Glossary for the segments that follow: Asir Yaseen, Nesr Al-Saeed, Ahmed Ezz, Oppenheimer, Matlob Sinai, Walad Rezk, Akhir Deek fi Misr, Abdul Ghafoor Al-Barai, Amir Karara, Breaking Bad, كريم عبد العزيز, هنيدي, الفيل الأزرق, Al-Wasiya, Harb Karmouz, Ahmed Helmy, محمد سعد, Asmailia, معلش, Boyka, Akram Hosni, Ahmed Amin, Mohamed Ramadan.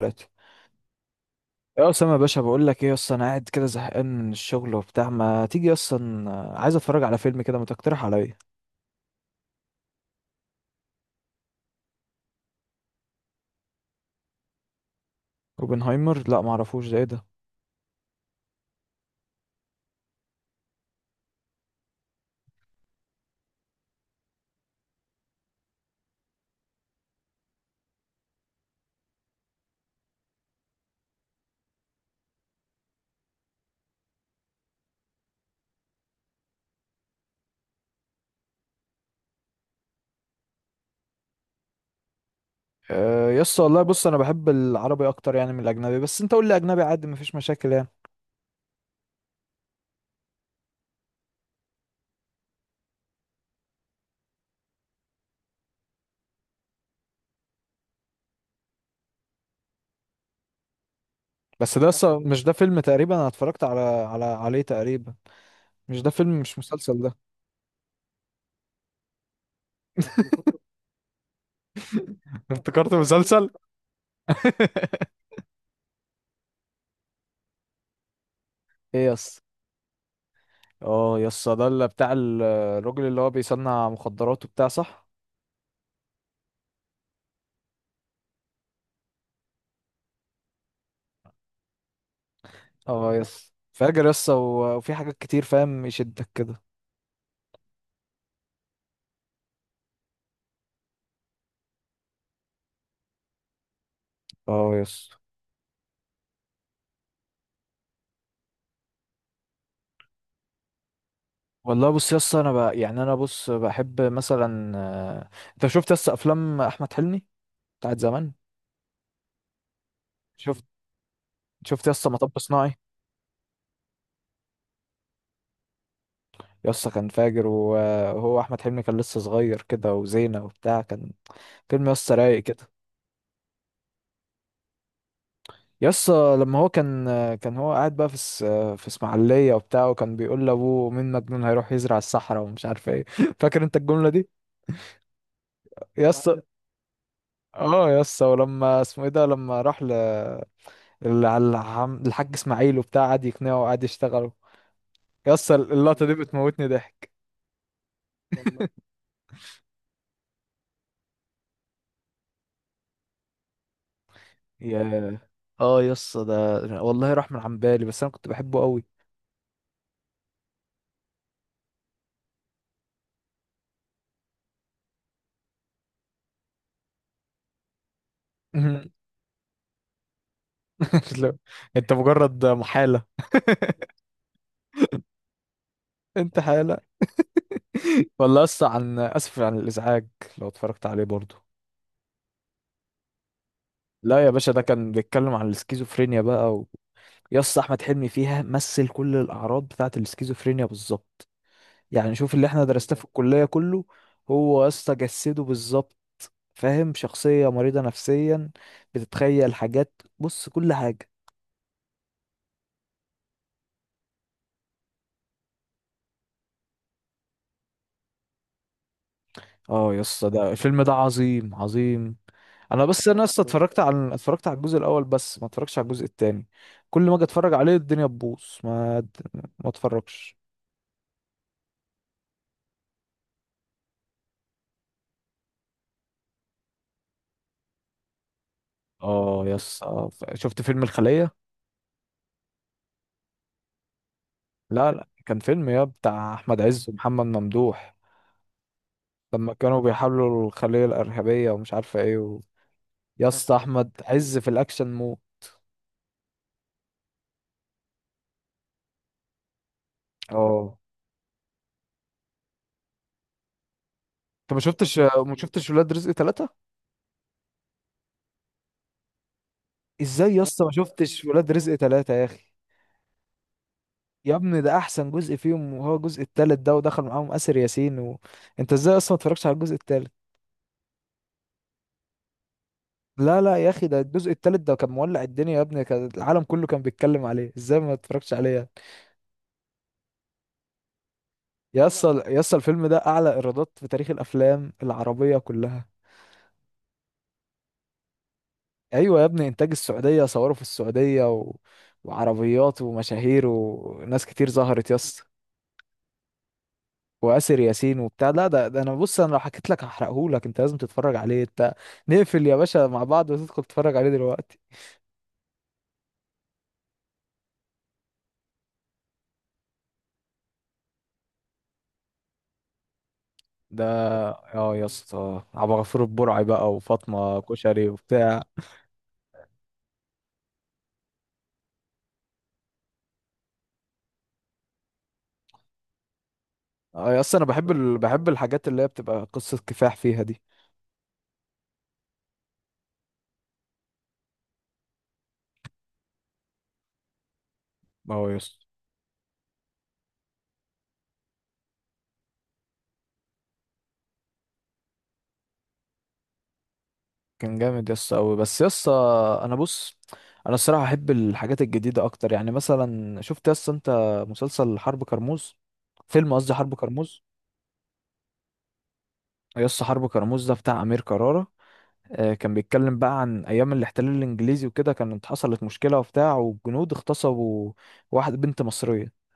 ثلاثة. يا أسامة يا باشا بقول لك إيه، أصلا أنا قاعد كده زهقان من الشغل وبتاع، ما تيجي أصلا عايز أتفرج على فيلم كده، ما تقترح عليا. اوبنهايمر؟ لا معرفوش، ده إيه ده؟ يا اسطى والله بص، أنا بحب العربي أكتر يعني من الأجنبي، بس أنت قول لي أجنبي عادي مفيش مشاكل يعني. بس ده أصلا مش ده فيلم؟ تقريبا أنا اتفرجت على عليه تقريبا. مش ده فيلم؟ مش مسلسل ده. افتكرت مسلسل. إيه يا اسطى؟ أه يا اسطى، ده اللي بتاع الراجل اللي هو بيصنع مخدرات وبتاع، صح. اه يس فاجر يس، وفي حاجات كتير فاهم يشدك كده. اه يس. والله بص يس، انا بقى يعني انا بص بحب مثلا، انت شفت يس افلام احمد حلمي بتاعت زمان؟ شفت. شفت يس مطب صناعي. يس كان فاجر، وهو احمد حلمي كان لسه صغير كده، وزينة وبتاع، كان فيلم يس رايق كده. يس، لما هو كان كان هو قاعد بقى في في اسماعيلية وبتاع، وكان بيقول لابوه مين مجنون هيروح يزرع الصحراء ومش عارف ايه. فاكر انت الجملة دي؟ يس. اه يا اسطى، ولما اسمه ايه ده لما راح ل الحاج اسماعيل وبتاع، قعد يقنعه وقعد يشتغله. يا اسطى اللقطه دي بتموتني ضحك. والله. يا، اه يا اسطى، ده والله راح من عن بالي، بس انا كنت بحبه قوي. لا، انت مجرد محاله. انت حاله. والله اسطى، عن اسف عن الازعاج. لو اتفرجت عليه برضه. لا يا باشا، ده كان بيتكلم عن السكيزوفرينيا بقى و... يا اسطى، احمد حلمي فيها مثل كل الاعراض بتاعه السكيزوفرينيا بالظبط. يعني شوف اللي احنا درسناه في الكلية كله. هو يا اسطى جسده بالظبط. فاهم، شخصية مريضة نفسيا، بتتخيل حاجات. بص كل حاجة. اه يا اسطى، ده الفيلم ده عظيم عظيم. انا بس انا يا اسطى اتفرجت على اتفرجت على الجزء الاول، بس ما اتفرجتش على الجزء التاني. كل ما اجي اتفرج عليه الدنيا تبوظ، ما ما اتفرجش. اه يا اسطى، شفت فيلم الخلية؟ لا لا كان فيلم، يا بتاع احمد عز ومحمد ممدوح. لما كانوا بيحاولوا الخلية الإرهابية ومش عارفة ايه. يا اسطى احمد عز في الاكشن مو. اه. انت ما شفتش، ما شفتش ولاد رزق 3؟ ازاي يا اسطى ما شفتش ولاد رزق 3 يا اخي؟ يا ابني ده احسن جزء فيهم، وهو الجزء التالت ده، ودخل معاهم اسر ياسين و... انت ازاي اصلا ما اتفرجتش على الجزء التالت؟ لا لا يا اخي، ده الجزء التالت ده كان مولع الدنيا، يا ابني كان العالم كله كان بيتكلم عليه، ازاي ما اتفرجتش عليه يعني؟ يا اسطى يا اسطى، الفيلم ده اعلى ايرادات في تاريخ الافلام العربية كلها. ايوه يا ابني، انتاج السعوديه، صوروا في السعوديه و... وعربيات ومشاهير وناس كتير ظهرت يا اسطى، واسر ياسين وبتاع. لا ده, ده انا بص انا لو حكيت لك هحرقه لك، انت لازم تتفرج عليه انت. نقفل يا باشا مع بعض، وتدخل تتفرج عليه دلوقتي. ده اه يا اسطى، عبد الغفور البرعي بقى وفاطمه كشري وبتاع. اه يا اسطى، بحب الحاجات اللي هي بتبقى قصه كفاح فيها دي. اه يا اسطى. كان جامد يس قوي، بس يس انا بص، انا الصراحه احب الحاجات الجديده اكتر، يعني مثلا شفت يس انت مسلسل حرب كرموز؟ فيلم قصدي حرب كرموز. يس حرب كرموز ده بتاع امير كرارة. كان بيتكلم بقى عن ايام الاحتلال الانجليزي وكده، كانت حصلت مشكله وبتاع، والجنود اغتصبوا واحده بنت مصريه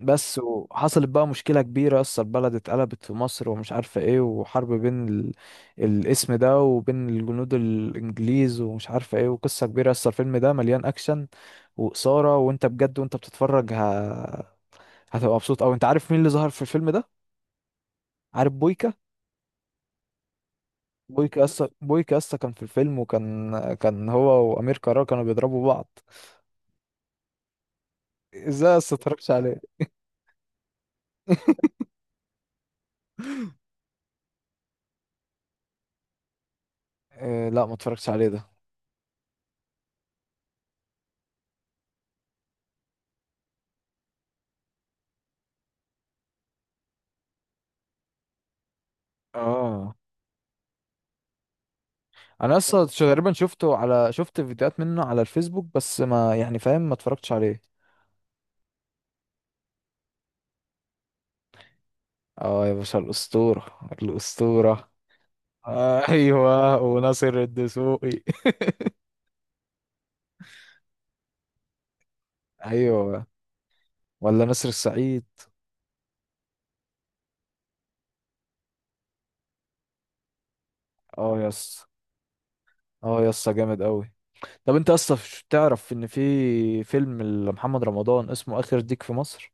بس، وحصلت بقى مشكلة كبيرة، أصل البلد اتقلبت في مصر ومش عارفة ايه، وحرب بين الاسم ده وبين الجنود الإنجليز ومش عارفة ايه، وقصة كبيرة. أصل الفيلم ده مليان أكشن وإثارة، وانت بجد وانت بتتفرج هتبقى مبسوط أوي. انت عارف مين اللي ظهر في الفيلم ده؟ عارف بويكا؟ بويكا، أصلا بويكا أصلا كان في الفيلم، وكان كان هو وأمير كرارة كانوا بيضربوا بعض. ازاي أصلا متفرجتش عليه؟ إيه؟ لا متفرجتش عليه ده. اه، انا اصلا تقريبا شفته على شفت فيديوهات منه على الفيسبوك، بس ما يعني فاهم ما اتفرجتش عليه. اه يا باشا، الاسطوره الاسطوره. آه ايوه، وناصر الدسوقي. ايوه. ولا نسر السعيد. اه يس. اه يس جامد قوي. طب انت اصلا تعرف ان في فيلم لمحمد رمضان اسمه اخر ديك في مصر؟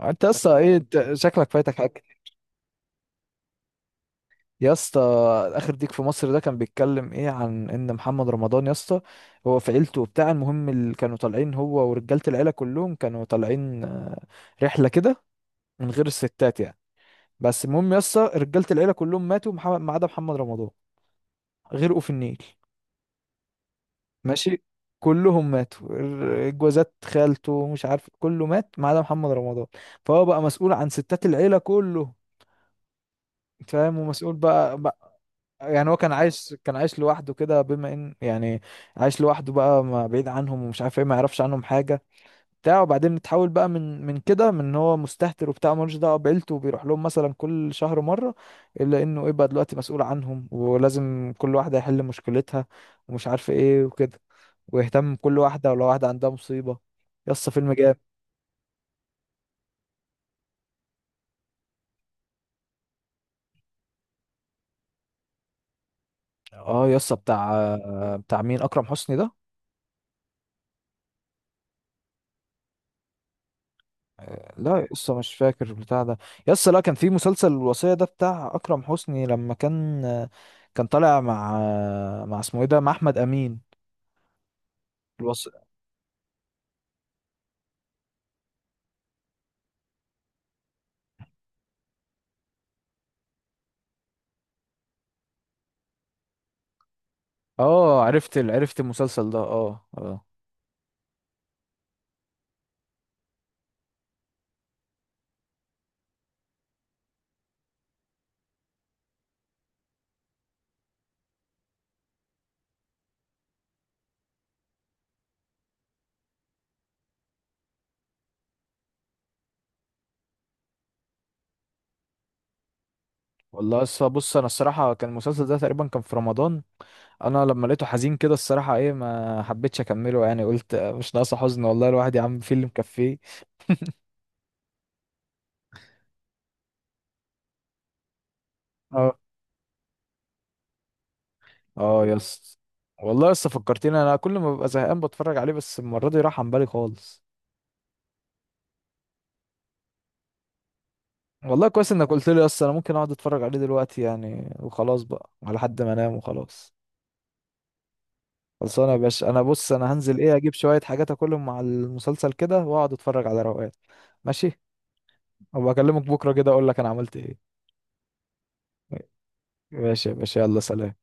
انت اصلا ايه، انت شكلك فايتك حاجه. يا اسطى، اخر ديك في مصر ده كان بيتكلم ايه، عن ان محمد رمضان يا اسطى، هو في عيلته وبتاع، المهم اللي كانوا طالعين هو ورجاله العيله كلهم كانوا طالعين، رحله كده من غير الستات يعني. بس المهم يا اسطى، رجاله العيله كلهم ماتوا، ما عدا محمد رمضان. غرقوا في النيل. ماشي. كلهم ماتوا، جوازات خالته مش عارف، كله مات ما عدا محمد رمضان. فهو بقى مسؤول عن ستات العيله كله، فاهم، ومسؤول بقى. يعني هو كان عايش، كان عايش لوحده كده، بما ان يعني عايش لوحده بقى، ما بعيد عنهم ومش عارف ايه، ما يعرفش عنهم حاجه بتاع وبعدين اتحول بقى من كده، من ان هو مستهتر وبتاع ملوش دعوه بعيلته، وبيروح لهم مثلا كل شهر مره، الا انه ايه بقى دلوقتي مسؤول عنهم، ولازم كل واحده يحل مشكلتها ومش عارف ايه وكده، ويهتم بكل واحده ولو واحده عندها مصيبه. يسطا فيلم جامد. اه يسطا بتاع، بتاع مين؟ اكرم حسني ده؟ لا لسه مش فاكر بتاع ده. يسا لا كان في مسلسل الوصية ده بتاع أكرم حسني، لما كان كان طالع مع مع اسمه ايه ده، مع أحمد أمين. الوص... اه عرفت عرفت المسلسل ده، اه اه. والله لسه بص، انا الصراحة كان المسلسل ده تقريبا كان في رمضان. انا لما لقيته حزين كده الصراحة ايه، ما حبيتش اكمله يعني، قلت مش ناقصة حزن والله، الواحد يا عم في اللي مكفيه. اه. اه يس. والله لسه فكرتني، انا كل ما ببقى زهقان بتفرج عليه، بس المرة دي راح عن بالي خالص. والله كويس انك قلت لي، اصل انا ممكن اقعد اتفرج عليه دلوقتي يعني، وخلاص بقى على حد ما انام وخلاص. خلصانه يا باشا. انا بص انا هنزل ايه، اجيب شويه حاجات اكلهم مع المسلسل كده، واقعد اتفرج على روقان. ماشي. وبكلمك بكره كده اقول لك انا عملت ايه. ماشي يا باشا، يلا سلام.